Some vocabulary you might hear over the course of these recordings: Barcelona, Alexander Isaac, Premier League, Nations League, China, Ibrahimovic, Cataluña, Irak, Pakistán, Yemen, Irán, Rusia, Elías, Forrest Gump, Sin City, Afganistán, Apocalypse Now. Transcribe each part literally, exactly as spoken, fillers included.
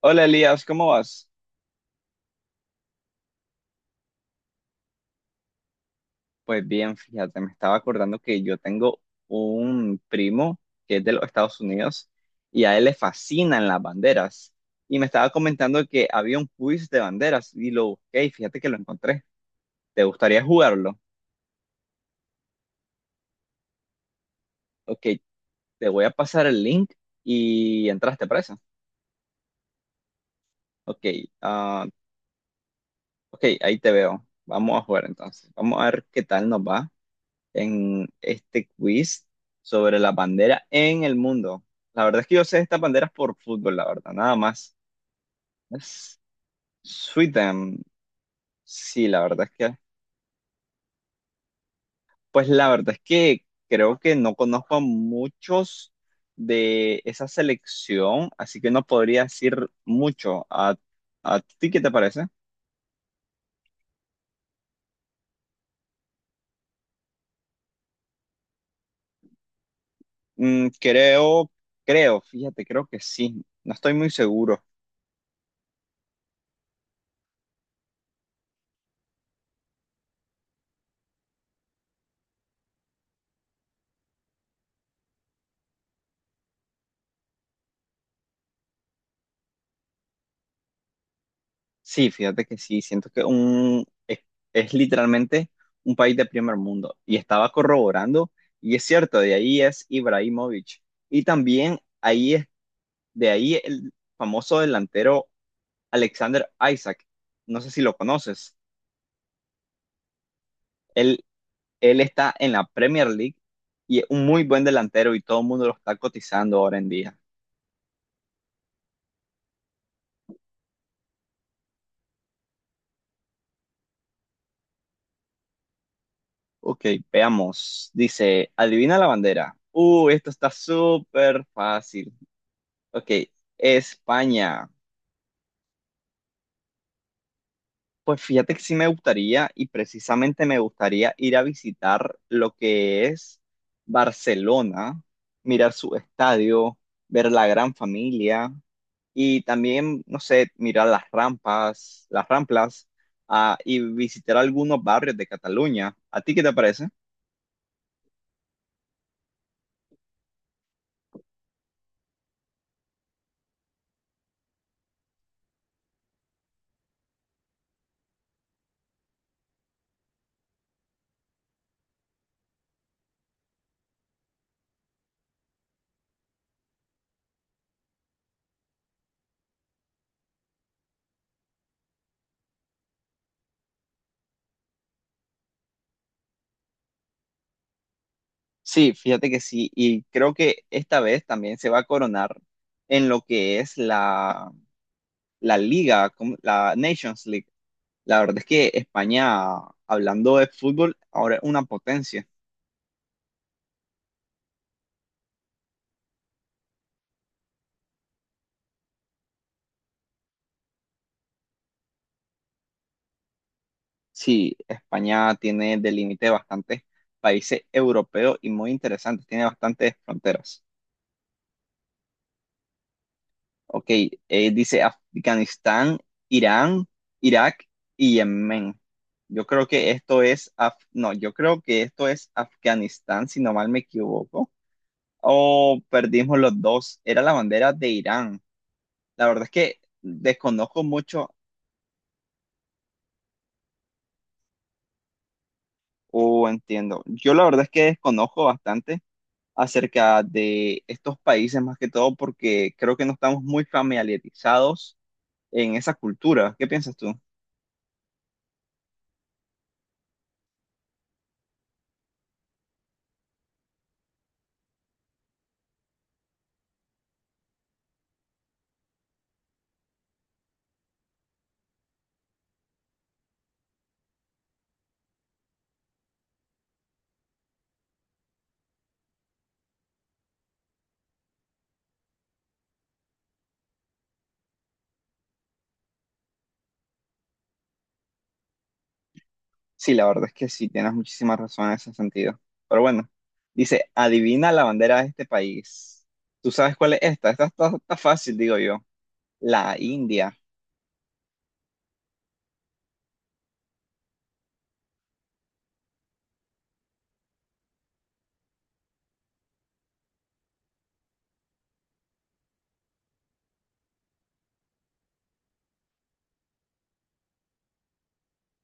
Hola Elías, ¿cómo vas? Pues bien, fíjate, me estaba acordando que yo tengo un primo que es de los Estados Unidos y a él le fascinan las banderas. Y me estaba comentando que había un quiz de banderas y lo busqué y fíjate que lo encontré. ¿Te gustaría jugarlo? Ok, te voy a pasar el link y entraste preso. Ok, ah, ok, ahí te veo. Vamos a jugar entonces. Vamos a ver qué tal nos va en este quiz sobre la bandera en el mundo. La verdad es que yo sé estas banderas por fútbol, la verdad, nada más. Es Sweden. Sí, la verdad es que, pues la verdad es que creo que no conozco a muchos de esa selección, así que no podría decir mucho. ¿A, a ti qué te parece? Mm, creo, creo, fíjate, creo que sí. No estoy muy seguro. Sí, fíjate que sí, siento que un, es, es literalmente un país de primer mundo. Y estaba corroborando, y es cierto, de ahí es Ibrahimovic. Y también ahí es, de ahí el famoso delantero Alexander Isaac. No sé si lo conoces. Él, él está en la Premier League y es un muy buen delantero y todo el mundo lo está cotizando ahora en día. Ok, veamos. Dice, adivina la bandera. Uh, esto está súper fácil. Ok, España. Pues fíjate que sí me gustaría y precisamente me gustaría ir a visitar lo que es Barcelona, mirar su estadio, ver la gran familia y también, no sé, mirar las rampas, las ramplas, ah, y visitar algunos barrios de Cataluña. ¿A ti qué te parece? Sí, fíjate que sí y creo que esta vez también se va a coronar en lo que es la, la liga, como la Nations League. La verdad es que España, hablando de fútbol, ahora es una potencia. Sí, España tiene de límite bastantes países europeos y muy interesantes, tiene bastantes fronteras. Ok, eh, dice Afganistán, Irán, Irak y Yemen. Yo creo que esto es, Af- no, yo creo que esto es Afganistán, si no mal me equivoco. O perdimos los dos, era la bandera de Irán. La verdad es que desconozco mucho. Oh, entiendo. Yo la verdad es que desconozco bastante acerca de estos países, más que todo porque creo que no estamos muy familiarizados en esa cultura. ¿Qué piensas tú? Sí, la verdad es que sí, tienes muchísima razón en ese sentido. Pero bueno, dice, adivina la bandera de este país. ¿Tú sabes cuál es esta? Esta está, está fácil, digo yo. La India.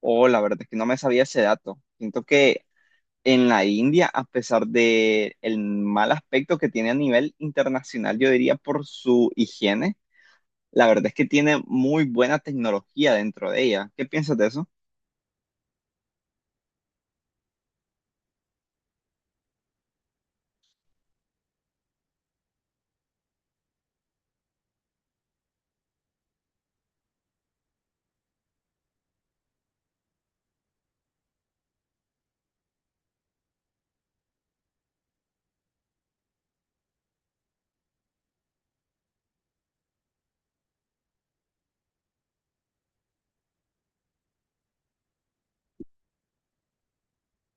Oh, la verdad es que no me sabía ese dato. Siento que en la India, a pesar de el mal aspecto que tiene a nivel internacional, yo diría por su higiene, la verdad es que tiene muy buena tecnología dentro de ella. ¿Qué piensas de eso?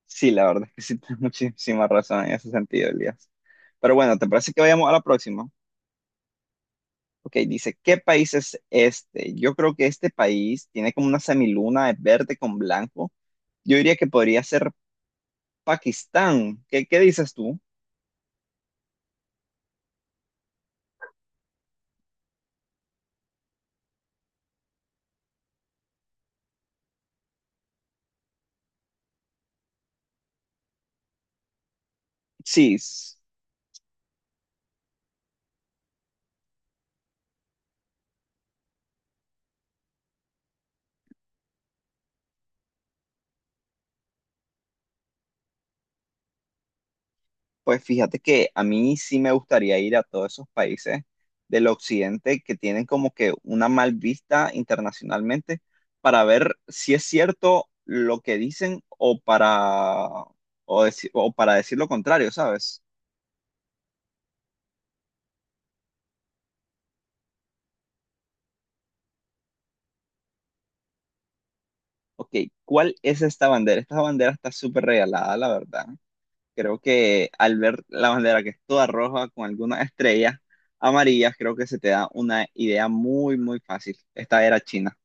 Sí, la verdad es que sí, tienes muchísima razón en ese sentido, Elías. Pero bueno, ¿te parece que vayamos a la próxima? Ok, dice, ¿qué país es este? Yo creo que este país tiene como una semiluna de verde con blanco. Yo diría que podría ser Pakistán. ¿Qué, qué dices tú? Sí, pues fíjate que a mí sí me gustaría ir a todos esos países del occidente que tienen como que una mal vista internacionalmente para ver si es cierto lo que dicen o para, o deci- o para decir lo contrario, ¿sabes? Ok, ¿cuál es esta bandera? Esta bandera está súper regalada, la verdad. Creo que al ver la bandera que es toda roja con algunas estrellas amarillas, creo que se te da una idea muy, muy fácil. Esta era China.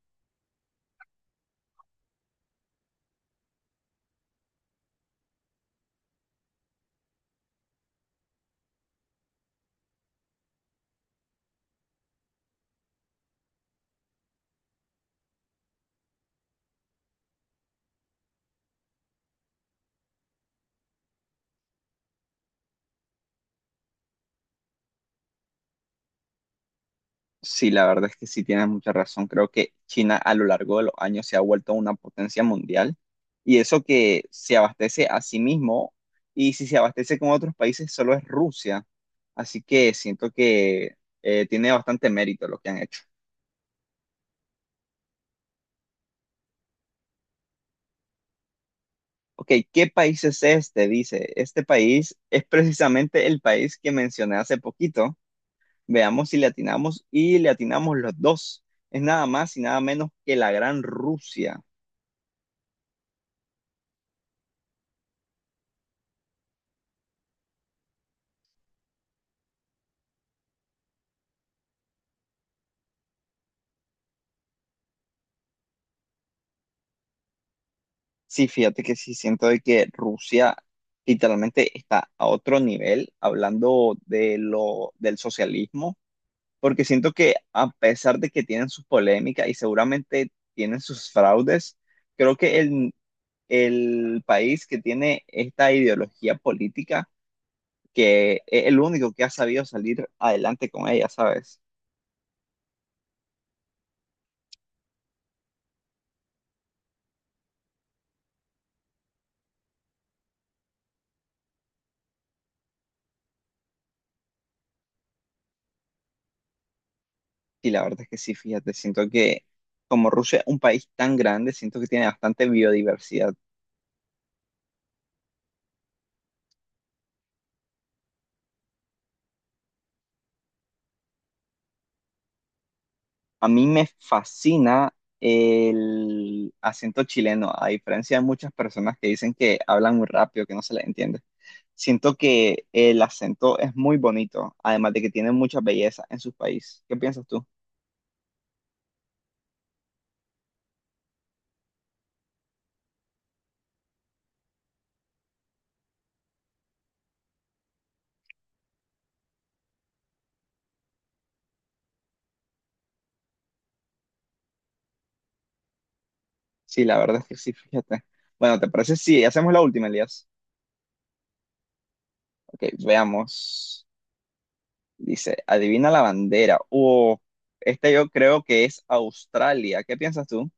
Sí, la verdad es que sí tienes mucha razón. Creo que China a lo largo de los años se ha vuelto una potencia mundial y eso que se abastece a sí mismo y si se abastece con otros países solo es Rusia. Así que siento que eh, tiene bastante mérito lo que han hecho. Ok, ¿qué país es este? Dice, este país es precisamente el país que mencioné hace poquito. Veamos si le atinamos y le atinamos los dos. Es nada más y nada menos que la Gran Rusia. Sí, fíjate que sí siento de que Rusia literalmente está a otro nivel hablando de lo del socialismo, porque siento que a pesar de que tienen sus polémicas y seguramente tienen sus fraudes, creo que el, el país que tiene esta ideología política, que es el único que ha sabido salir adelante con ella, ¿sabes? Y la verdad es que sí, fíjate, siento que como Rusia es un país tan grande, siento que tiene bastante biodiversidad. A mí me fascina el acento chileno, a diferencia de muchas personas que dicen que hablan muy rápido, que no se les entiende. Siento que el acento es muy bonito, además de que tiene mucha belleza en su país. ¿Qué piensas tú? Sí, la verdad es que sí, fíjate. Bueno, ¿te parece si hacemos la última, Elías? Ok, veamos. Dice, adivina la bandera. Oh, este yo creo que es Australia. ¿Qué piensas tú?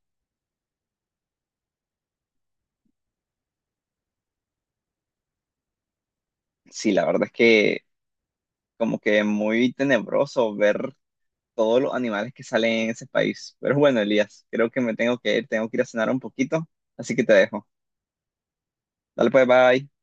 Sí, la verdad es que como que muy tenebroso ver todos los animales que salen en ese país. Pero bueno, Elías, creo que me tengo que ir, tengo que ir a cenar un poquito, así que te dejo. Dale pues, bye.